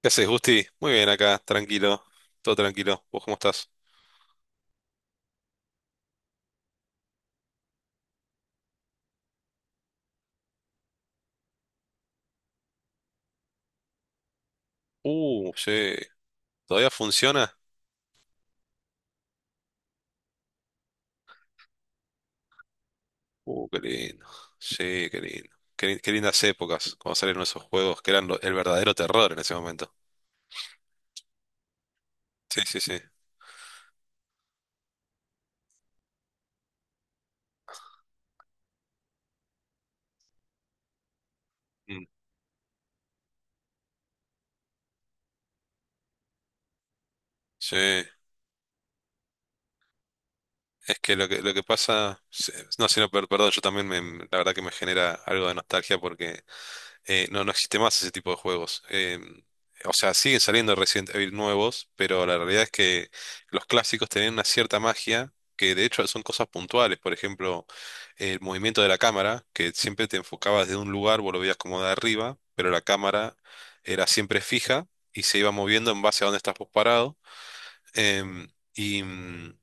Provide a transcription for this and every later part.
¿Qué haces, Gusti? Muy bien acá, tranquilo, todo tranquilo. ¿Vos cómo estás? Sí, ¿todavía funciona? Qué lindo. Sí, qué lindo. Qué lindas épocas cuando salieron esos juegos que eran el verdadero terror en ese momento. Sí, sí, sí. Mm, Sí, es que lo que pasa, sí, no, sino, perdón, la verdad que me genera algo de nostalgia porque no, no existe más ese tipo de juegos. O sea, siguen saliendo Resident Evil nuevos, pero la realidad es que los clásicos tenían una cierta magia, que de hecho son cosas puntuales. Por ejemplo, el movimiento de la cámara, que siempre te enfocabas de un lugar, vos lo veías como de arriba, pero la cámara era siempre fija y se iba moviendo en base a donde estás vos parado. Em, y mm,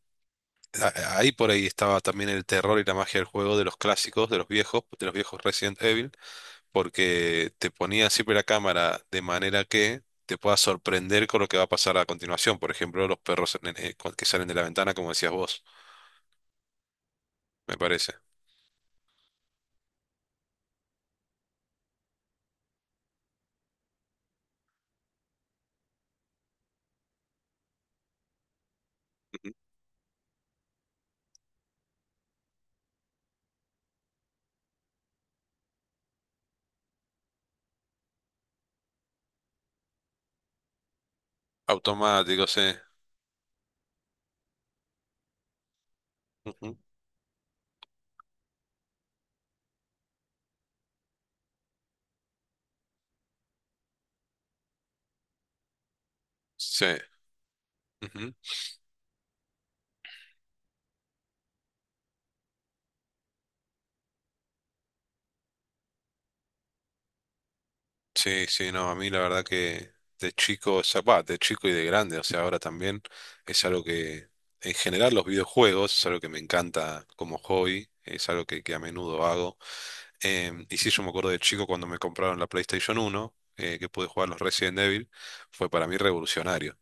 Ahí por ahí estaba también el terror y la magia del juego de los clásicos, de los viejos Resident Evil porque te ponía siempre la cámara de manera que te puedas sorprender con lo que va a pasar a continuación. Por ejemplo, los perros que salen de la ventana, como decías vos, me parece. Ujú. Automático, sí. Ujú. Sí. Ujú. Sí, sí, no, a mí la verdad que de chico, o sea, bah, de chico y de grande, o sea, ahora también es algo que, en general, los videojuegos es algo que me encanta como hobby, es algo que a menudo hago. Y sí, yo me acuerdo de chico cuando me compraron la PlayStation uno que pude jugar los Resident Evil, fue para mí revolucionario.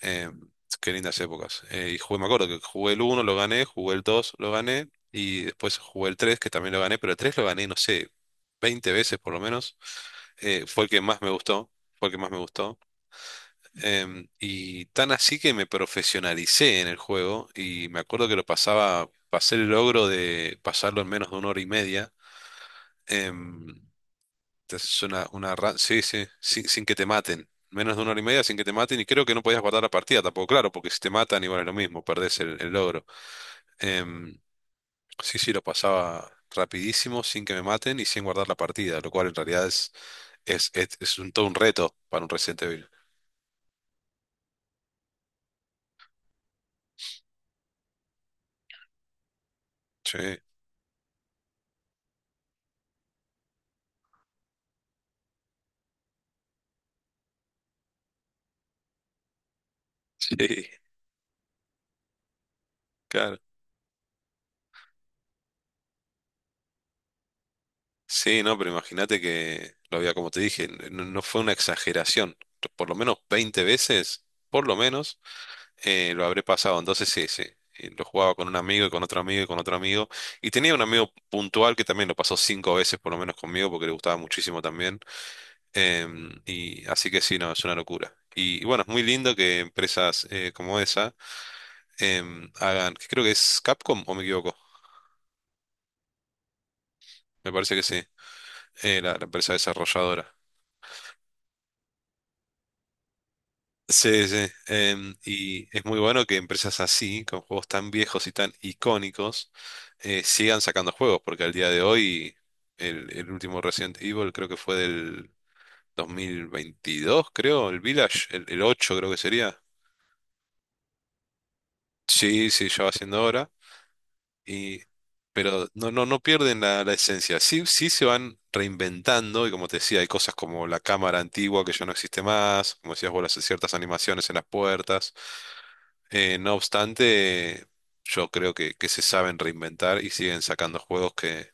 Em, Qué lindas épocas. Y jugué, me acuerdo que jugué el uno, lo gané, jugué el 2 lo gané, y después jugué el 3 que también lo gané, pero el 3 lo gané, no sé, 20 veces por lo menos. Fue el que más me gustó, fue el que más me gustó. Y tan así que me profesionalicé en el juego, y me acuerdo que lo pasaba, pasé el logro de pasarlo en menos de una hora y media. Em, Te haces una run, sí, sí, sin que te maten. Menos de una hora y media sin que te maten y creo que no podías guardar la partida tampoco, claro, porque si te matan igual es lo mismo, perdés el logro. Em, sí, sí, lo pasaba rapidísimo sin que me maten y sin guardar la partida, lo cual en realidad es un, todo un reto para un Resident Evil. Sí, sí, claro. Sí, no, pero imagínate que lo había, como te dije, no, no fue una exageración. Por lo menos 20 veces, por lo menos lo habré pasado. Entonces sí, sí. Lo jugaba con un amigo y con otro amigo y con otro amigo. Y tenía un amigo puntual que también lo pasó cinco veces por lo menos conmigo porque le gustaba muchísimo también. Y así que sí, no, es una locura. Y bueno, es muy lindo que empresas como esa hagan, que creo que es Capcom o me equivoco. Me parece que sí, la empresa desarrolladora. Sí, sí. Y es muy bueno que empresas así, con juegos tan viejos y tan icónicos, sigan sacando juegos, porque al día de hoy, el último Resident Evil creo que fue del 2022, creo, el Village, el 8 creo que sería. Sí, sí, ya va siendo hora. Y, pero no, no, no pierden la esencia. Sí, sí se van reinventando, y como te decía, hay cosas como la cámara antigua que ya no existe más, como decías vos, las ciertas animaciones en las puertas. No obstante, yo creo que se saben reinventar y siguen sacando juegos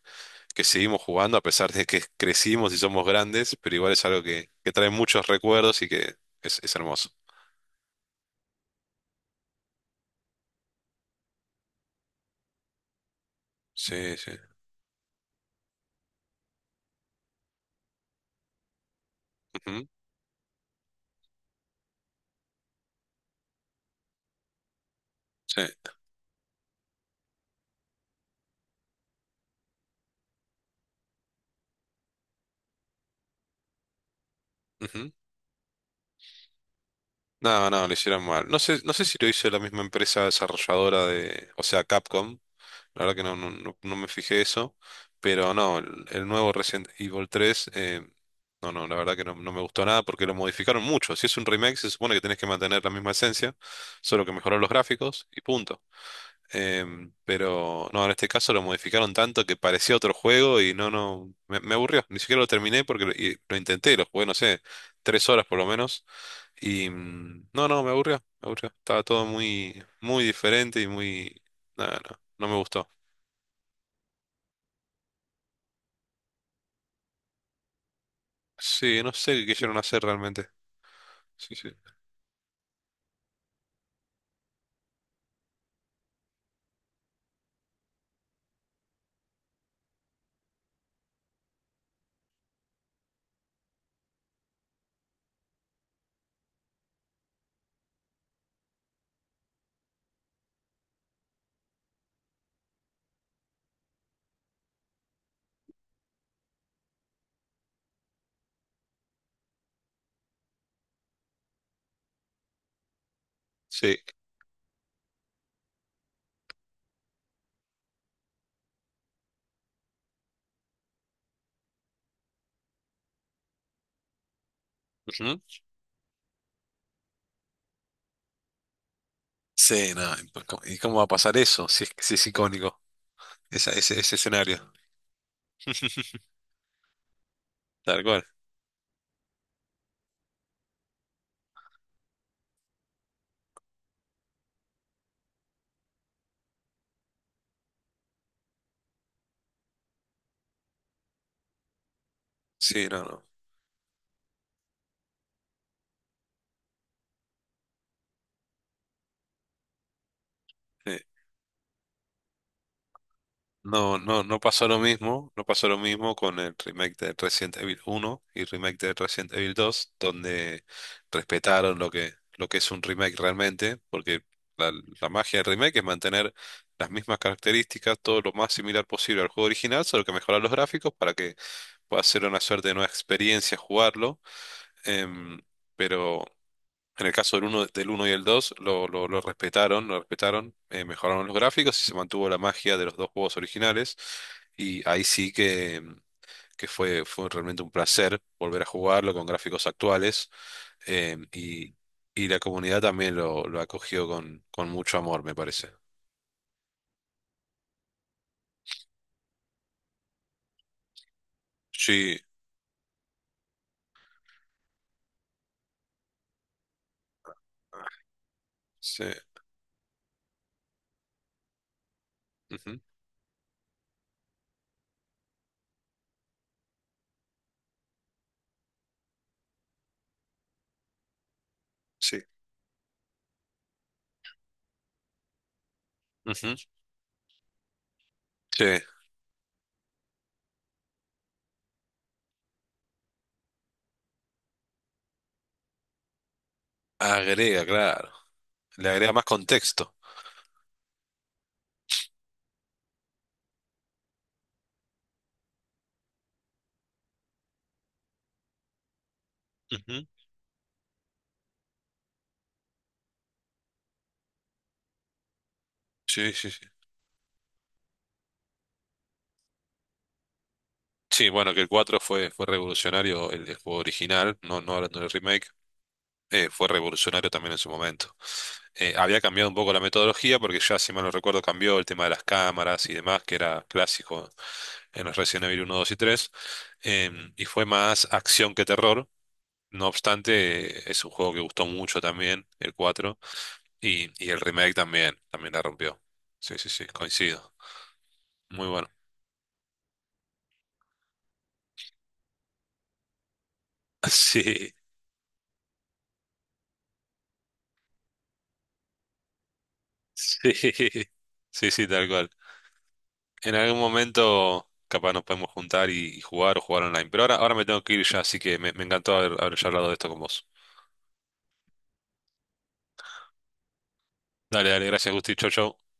que seguimos jugando a pesar de que crecimos y somos grandes, pero igual es algo que trae muchos recuerdos y que es hermoso. Sí, sí. Ujú, sí. Ujú. No, no, lo hicieron mal. No sé, no sé si lo hizo la misma empresa desarrolladora de, o sea, Capcom. La verdad que no, no me fijé eso. Pero no, el nuevo Resident Evil 3, no, no, la verdad que no, no me gustó nada porque lo modificaron mucho. Si es un remake, se supone que tenés que mantener la misma esencia, solo que mejorar los gráficos y punto. Pero no, en este caso lo modificaron tanto que parecía otro juego y no, no, me aburrió. Ni siquiera lo terminé porque lo, y lo intenté, lo jugué, no sé, tres horas por lo menos y no, no, me aburrió, me aburrió. Estaba todo muy, muy diferente y muy... No, no, no me gustó. Sí, no sé qué quisieron hacer realmente. Sí, sí. Sí. Ujú. Sí, no. ¿Y pues cómo, y cómo va a pasar eso? Si es, si es icónico, esa, ese escenario. Tal cual. Sí, no, no. Sí. No, no, no pasó lo mismo, no pasó lo mismo con el remake de Resident Evil 1 y remake de Resident Evil 2, donde respetaron lo que es un remake realmente, porque la, la magia del remake es mantener las mismas características, todo lo más similar posible al juego original, solo que mejorar los gráficos para que pueda ser una suerte de nueva experiencia jugarlo. Em, pero en el caso del uno, y el 2 lo respetaron, mejoraron los gráficos y se mantuvo la magia de los dos juegos originales. Y ahí sí que fue, fue realmente un placer volver a jugarlo con gráficos actuales. eh, y, y la comunidad también lo acogió con mucho amor, me parece. Sí, sí. Ujú, sí. Ujú, sí, agrega, claro. Le agrega más contexto. Ujú, sí, sí, sí. Sí, bueno, que el 4 fue, fue revolucionario, el juego original, no, no hablando del remake, fue revolucionario también en su momento. Había cambiado un poco la metodología porque ya, si mal no recuerdo, cambió el tema de las cámaras y demás, que era clásico en los Resident Evil uno, 2 y 3, y fue más acción que terror. No obstante, es un juego que gustó mucho también, el 4 y el remake también, también la rompió. Sí, sí, sí, coincido. Muy bueno. Sí, sí, sí, sí, tal cual. En algún momento capaz nos podemos juntar y jugar o jugar online. Pero ahora, ahora me tengo que ir ya, así que me encantó haber, haber charlado de esto con vos. Dale, dale, gracias, Gusti. Chau, chau.